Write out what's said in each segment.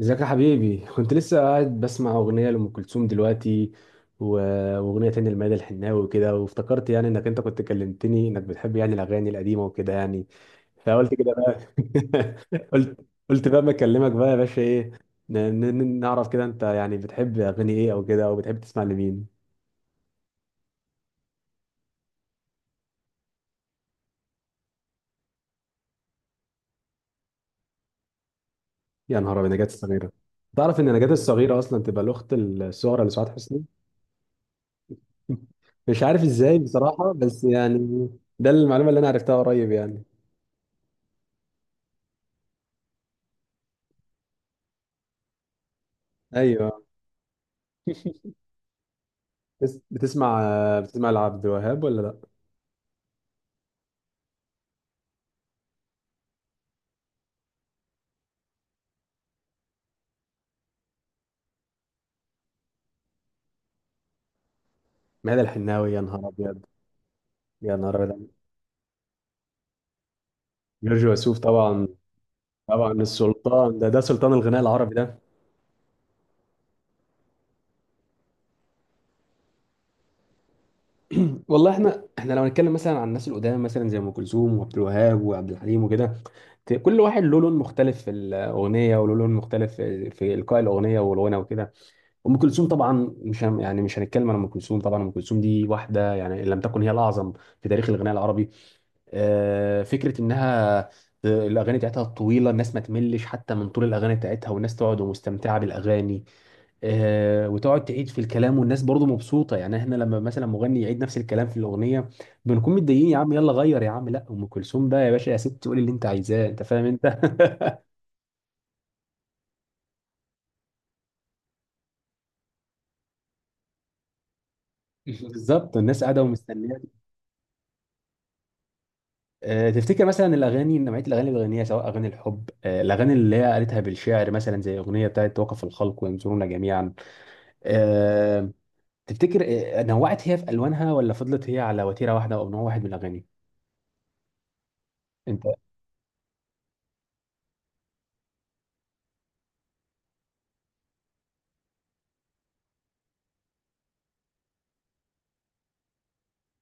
ازيك يا حبيبي؟ كنت لسه قاعد بسمع اغنيه لام كلثوم دلوقتي و- واغنيه تانية لميادة الحناوي وكده، وافتكرت يعني انك انت كنت كلمتني انك بتحب يعني الاغاني القديمه وكده يعني. فقلت كده بقى، قلت، قلت بقى ما اكلمك بقى يا باشا، ايه نعرف كده انت يعني بتحب اغاني ايه، او كده، او بتحب تسمع لمين. يا نهار ابيض، نجاة الصغيره! تعرف ان نجاة الصغيره اصلا تبقى الاخت الصغرى لسعاد حسني؟ مش عارف ازاي بصراحه، بس يعني ده المعلومه اللي انا عرفتها قريب يعني. ايوه. بس بتسمع، بتسمع لعبد الوهاب ولا لا؟ ماذا الحناوي؟ يا نهار ابيض! يا نهار ابيض! جورج وسوف طبعا. طبعا السلطان ده، ده سلطان الغناء العربي ده. والله احنا، احنا لو هنتكلم مثلا عن الناس القدام، مثلا زي ام كلثوم وعبد الوهاب وعبد الحليم وكده، كل واحد له لون مختلف في الاغنيه، وله لون مختلف في القاء الاغنيه والغنى وكده. ام كلثوم طبعا مش هن- يعني مش هنتكلم عن ام كلثوم. طبعا ام كلثوم دي واحده يعني ان لم تكن هي الاعظم في تاريخ الغناء العربي. آه، فكره انها الاغاني بتاعتها طويله، الناس ما تملش حتى من طول الاغاني بتاعتها، والناس تقعد ومستمتعه بالاغاني. آه، وتقعد تعيد في الكلام والناس برضو مبسوطه. يعني احنا لما مثلا مغني يعيد نفس الكلام في الاغنيه بنكون متضايقين، يا عم يلا غير يا عم! لا ام كلثوم بقى يا باشا، يا ست قولي اللي انت عايزاه، انت فاهم انت. بالظبط، الناس قاعده ومستنيه. آه، تفتكر مثلا الاغاني، نوعيه الاغاني اللي بيغنيها، سواء اغاني الحب، آه، الاغاني اللي هي قالتها بالشعر مثلا زي اغنيه بتاعت وقف الخلق وينظرون جميعا، آه، تفتكر آه، نوعت هي في الوانها، ولا فضلت هي على وتيره واحده او نوع واحد من الاغاني؟ انت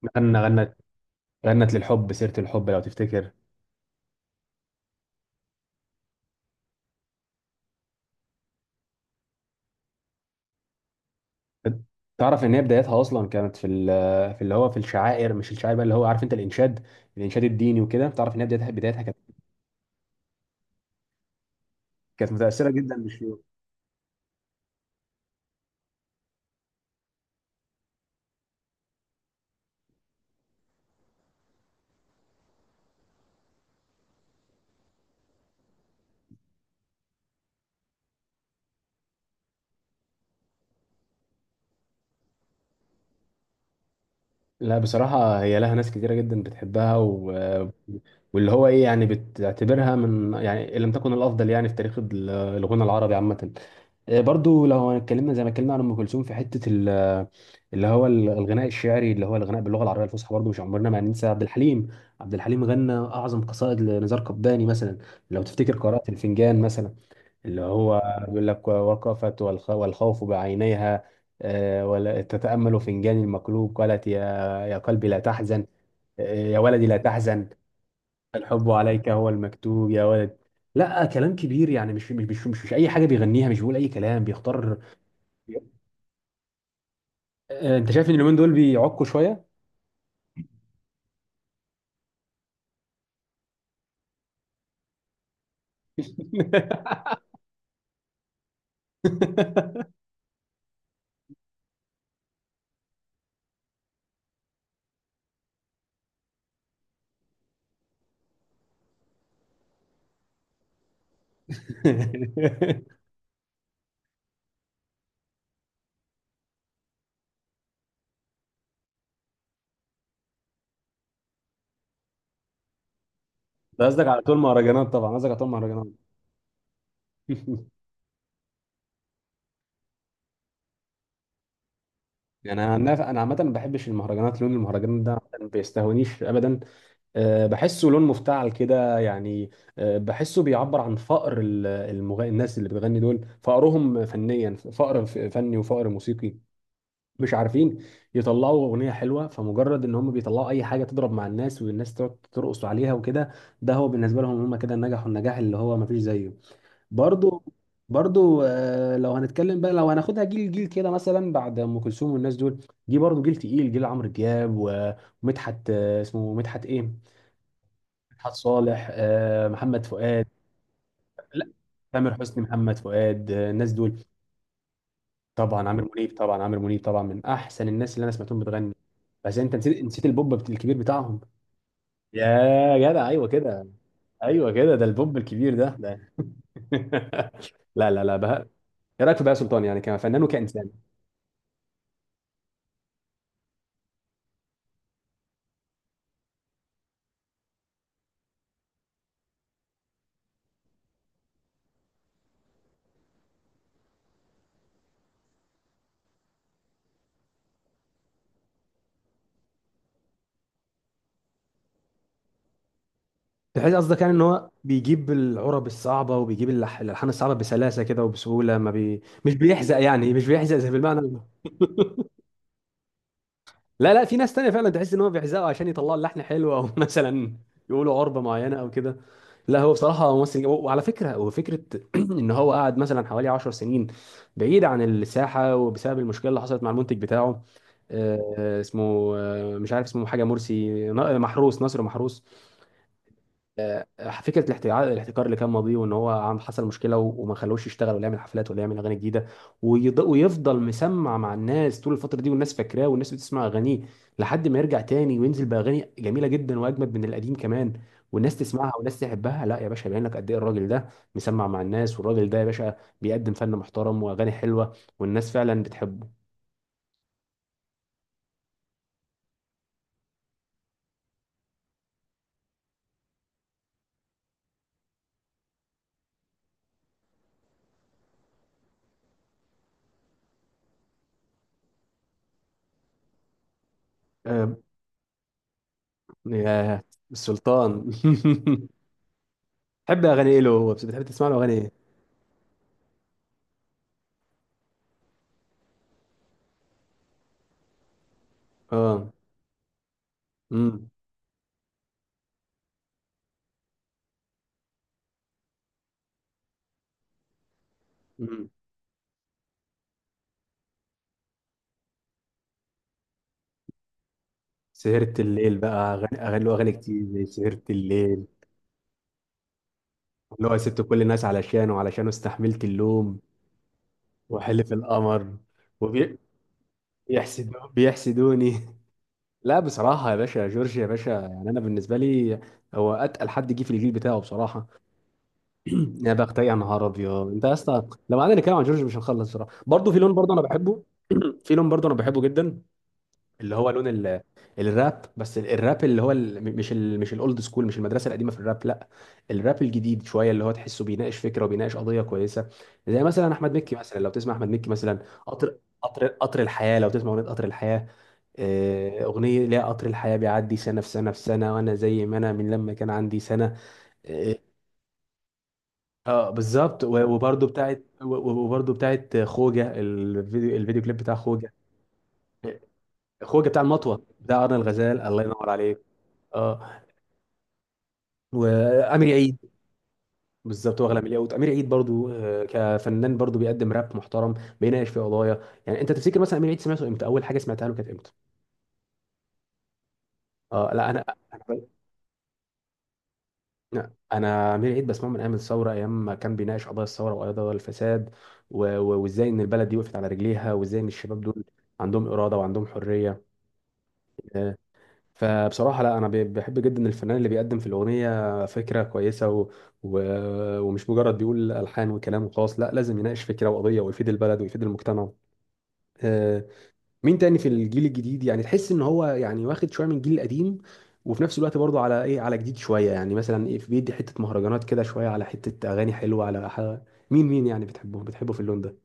مثلا غنت، غنت للحب سيره الحب لو تفتكر. تعرف ان هي بدايتها اصلا كانت في في اللي هو في الشعائر، مش الشعائر بقى اللي هو، عارف انت، الانشاد، الانشاد الديني وكده. تعرف ان هي بدايتها، بدايتها كانت، كانت متاثره جدا بالشيوخ. لا بصراحه هي لها ناس كتيره جدا بتحبها و... واللي هو ايه يعني بتعتبرها من يعني ان لم تكن الافضل يعني في تاريخ الغنى العربي عامه. آه، برضو لو اتكلمنا زي ما اتكلمنا عن ام كلثوم في حته الغناء الشعري اللي هو الغناء باللغه العربيه الفصحى، برضو مش عمرنا ما هننسى عبد الحليم. عبد الحليم غنى اعظم قصائد لنزار قباني مثلا. لو تفتكر قراءه الفنجان مثلا، اللي هو بيقول لك وقفت والخ- والخوف بعينيها، آه، ولا تتامل فنجان المقلوب، قالت يا، يا قلبي لا تحزن، آه، يا ولدي لا تحزن، الحب عليك هو المكتوب يا ولد. لا كلام كبير يعني، مش اي حاجه بيغنيها، مش بيقول اي كلام، بيختار. آه، انت شايف ان اليومين دول بيعكوا شويه؟ ده قصدك على طول مهرجانات؟ طبعا قصدك على طول مهرجانات. يعني انا عن انا عامه ما بحبش المهرجانات، لون المهرجانات ده عامةً ما بيستهونيش ابدا. آه، بحسه لون مفتعل كده يعني. آه، بحسه بيعبر عن فقر الناس اللي بتغني دول، فقرهم فنيا، فقر فني وفقر موسيقي. مش عارفين يطلعوا اغنيه حلوه، فمجرد ان هم بيطلعوا اي حاجه تضرب مع الناس والناس تقعد ترقص عليها وكده، ده هو بالنسبه لهم، هم كده نجحوا النجاح اللي هو ما فيش زيه. برضو، برضو آه، لو هنتكلم بقى، لو هناخدها جيل جيل كده، مثلا بعد ام كلثوم والناس دول جه برضو جيل تقيل، جيل عمرو دياب، و- ومدحت، آه اسمه مدحت ايه؟ مدحت صالح، آه، محمد فؤاد. لا، تامر حسني، محمد فؤاد، آه، الناس دول. طبعا عامر منيب، طبعا عامر منيب طبعا، من احسن الناس اللي انا سمعتهم بتغني. بس انت نسيت، نسيت البوب الكبير بتاعهم. يا جدع ايوه كده، ايوه كده، ده البوب الكبير ده، ده لا لا لا، بهاء. ايه رايك في بهاء سلطان يعني كفنان وكانسان؟ بحيث قصدك يعني ان هو بيجيب العرب الصعبه، وبيجيب الالحان الصعبه بسلاسه كده وبسهوله، ما بي... مش بيحزق يعني، مش بيحزق زي، بالمعنى. لا لا، في ناس تانية فعلا تحس ان هو بيحزقوا عشان يطلعوا اللحن حلو او مثلا يقولوا عربة معينة او كده. لا، هو بصراحة ممثل وعلى فكرة، وفكرة ان هو قعد مثلا حوالي 10 سنين بعيد عن الساحة، وبسبب المشكلة اللي حصلت مع المنتج بتاعه، آه، آه، اسمه آه، مش عارف اسمه، حاجة مرسي، محروس، ناصر محروس. آه، فكره الاحتكار، الاحتكار اللي كان ماضيه، وان هو عم حصل مشكله و- وما خلوش يشتغل ولا يعمل حفلات ولا يعمل اغاني جديده، ويض- ويفضل مسمع مع الناس طول الفتره دي، والناس فاكراه والناس بتسمع اغانيه، لحد ما يرجع تاني وينزل باغاني جميله جدا واجمد من القديم كمان، والناس تسمعها والناس تحبها. لا يا باشا، يبين لك قد ايه الراجل ده مسمع مع الناس، والراجل ده يا باشا بيقدم فن محترم واغاني حلوه، والناس فعلا بتحبه. آه، يا السلطان. تحب اغاني ايه له؟ هو بتحب تسمع له اغاني ايه؟ اه، امم، سهرة الليل بقى، أغاني، أغاني له، أغاني كتير زي سهرة الليل، اللي هو سبت كل الناس علشانه وعلشانه استحملت اللوم، وحلف القمر، وبيحسدوني، بيحسدوني. لا بصراحة يا باشا، جورج يا باشا، يعني أنا بالنسبة لي هو أتقل حد جه في الجيل بتاعه بصراحة. يا بختي، يا نهار أبيض! أنت يا اسطى لو قعدنا نتكلم عن جورج مش هنخلص بصراحة. برضه في لون برضه أنا بحبه، في لون برضه أنا بحبه جدا، اللي هو لون الراب. بس الراب اللي هو مش الاولد سكول، مش المدرسه القديمه في الراب، لا، الراب الجديد شويه اللي هو تحسه بيناقش فكره وبيناقش قضيه كويسه. زي مثلا احمد مكي مثلا، لو تسمع احمد مكي مثلا، قطر، قطر، قطر الحياه، لو تسمع اغنيه قطر الحياه، آه، أغنية ليها قطر الحياة بيعدي سنة في سنة في سنة وأنا زي ما أنا من لما كان عندي سنة. اه. آه، بالظبط، و- وبرضه بتاعت، و- و- وبرضه بتاعت خوجة، الفيديو، الفيديو كليب بتاع خوجة. آه، خوجة بتاع المطوة، بتاع أرن الغزال، الله ينور عليك. اه، وامير عيد. بالظبط هو اغلى من الياقوت. امير عيد برضو، آه، كفنان برضو بيقدم راب محترم، بيناقش في قضايا. يعني انت تفتكر مثلا امير عيد سمعته امتى؟ اول حاجه سمعتها له كانت امتى؟ اه لا، انا، انا لا، أنا امير عيد بسمعه من ايام الثوره، ايام ما كان بيناقش قضايا الثوره وقضايا الفساد و- و- وازاي ان البلد دي وقفت على رجليها، وازاي ان الشباب دول عندهم اراده وعندهم حريه. آه، فبصراحة لا، أنا بحب جدا الفنان اللي بيقدم في الأغنية فكرة كويسة و... و... ومش مجرد بيقول ألحان وكلام وخلاص، لا، لازم يناقش فكرة وقضية ويفيد البلد ويفيد المجتمع. آه، مين تاني في الجيل الجديد يعني تحس إن هو يعني واخد شوية من الجيل القديم، وفي نفس الوقت برضه على إيه، على جديد شوية يعني، مثلا إيه بيدي حتة مهرجانات كده شوية على حتة أغاني حلوة على ح... مين، مين يعني بتحبه، بتحبه في اللون ده؟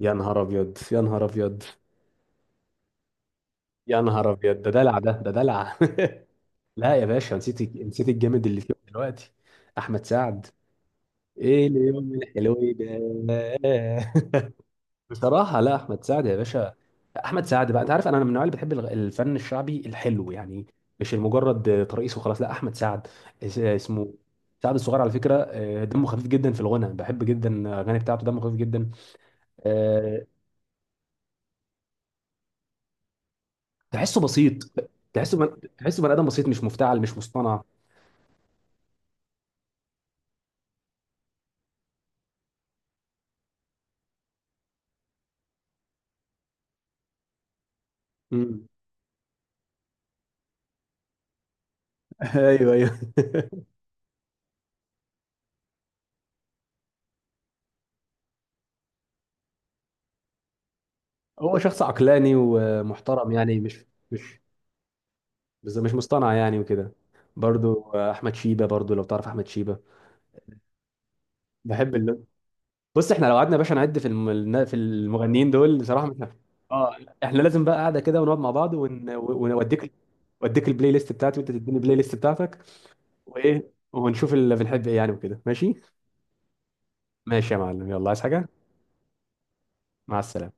يا نهار أبيض! يا نهار أبيض! يا نهار أبيض ده دلع، ده ده دلع. لا يا باشا، نسيت، نسيت الجامد اللي فيه دلوقتي، احمد سعد، ايه اليوم الحلو ده. بصراحه لا، احمد سعد يا باشا، احمد سعد بقى، انت عارف انا من النوع اللي بتحب الفن الشعبي الحلو يعني، مش المجرد ترقيص وخلاص. لا، احمد سعد اسمه سعد الصغير على فكره، آه، دمه خفيف جدا في الغنى، بحب جدا الاغاني بتاعته، دمه خفيف جدا. آه، تحسه بسيط، تحسه بني ادم بسيط، مش مفتعل مش مصطنع. مم. ايوه ايوه. هو شخص عقلاني ومحترم، يعني مش، مش، بس مش مصطنع يعني وكده. برضو احمد شيبة، برضو لو تعرف احمد شيبة، بحب اللون. بص احنا لو قعدنا يا باشا نعد في في المغنيين دول بصراحة مش اه احنا لازم بقى قاعدة كده ونقعد مع بعض ون... ونوديك، وديك البلاي ليست بتاعتي وانت تديني البلاي ليست بتاعتك، وايه، ونشوف اللي بنحب ايه يعني وكده ماشي. ماشي يا معلم، يلا عايز حاجة؟ مع السلامة.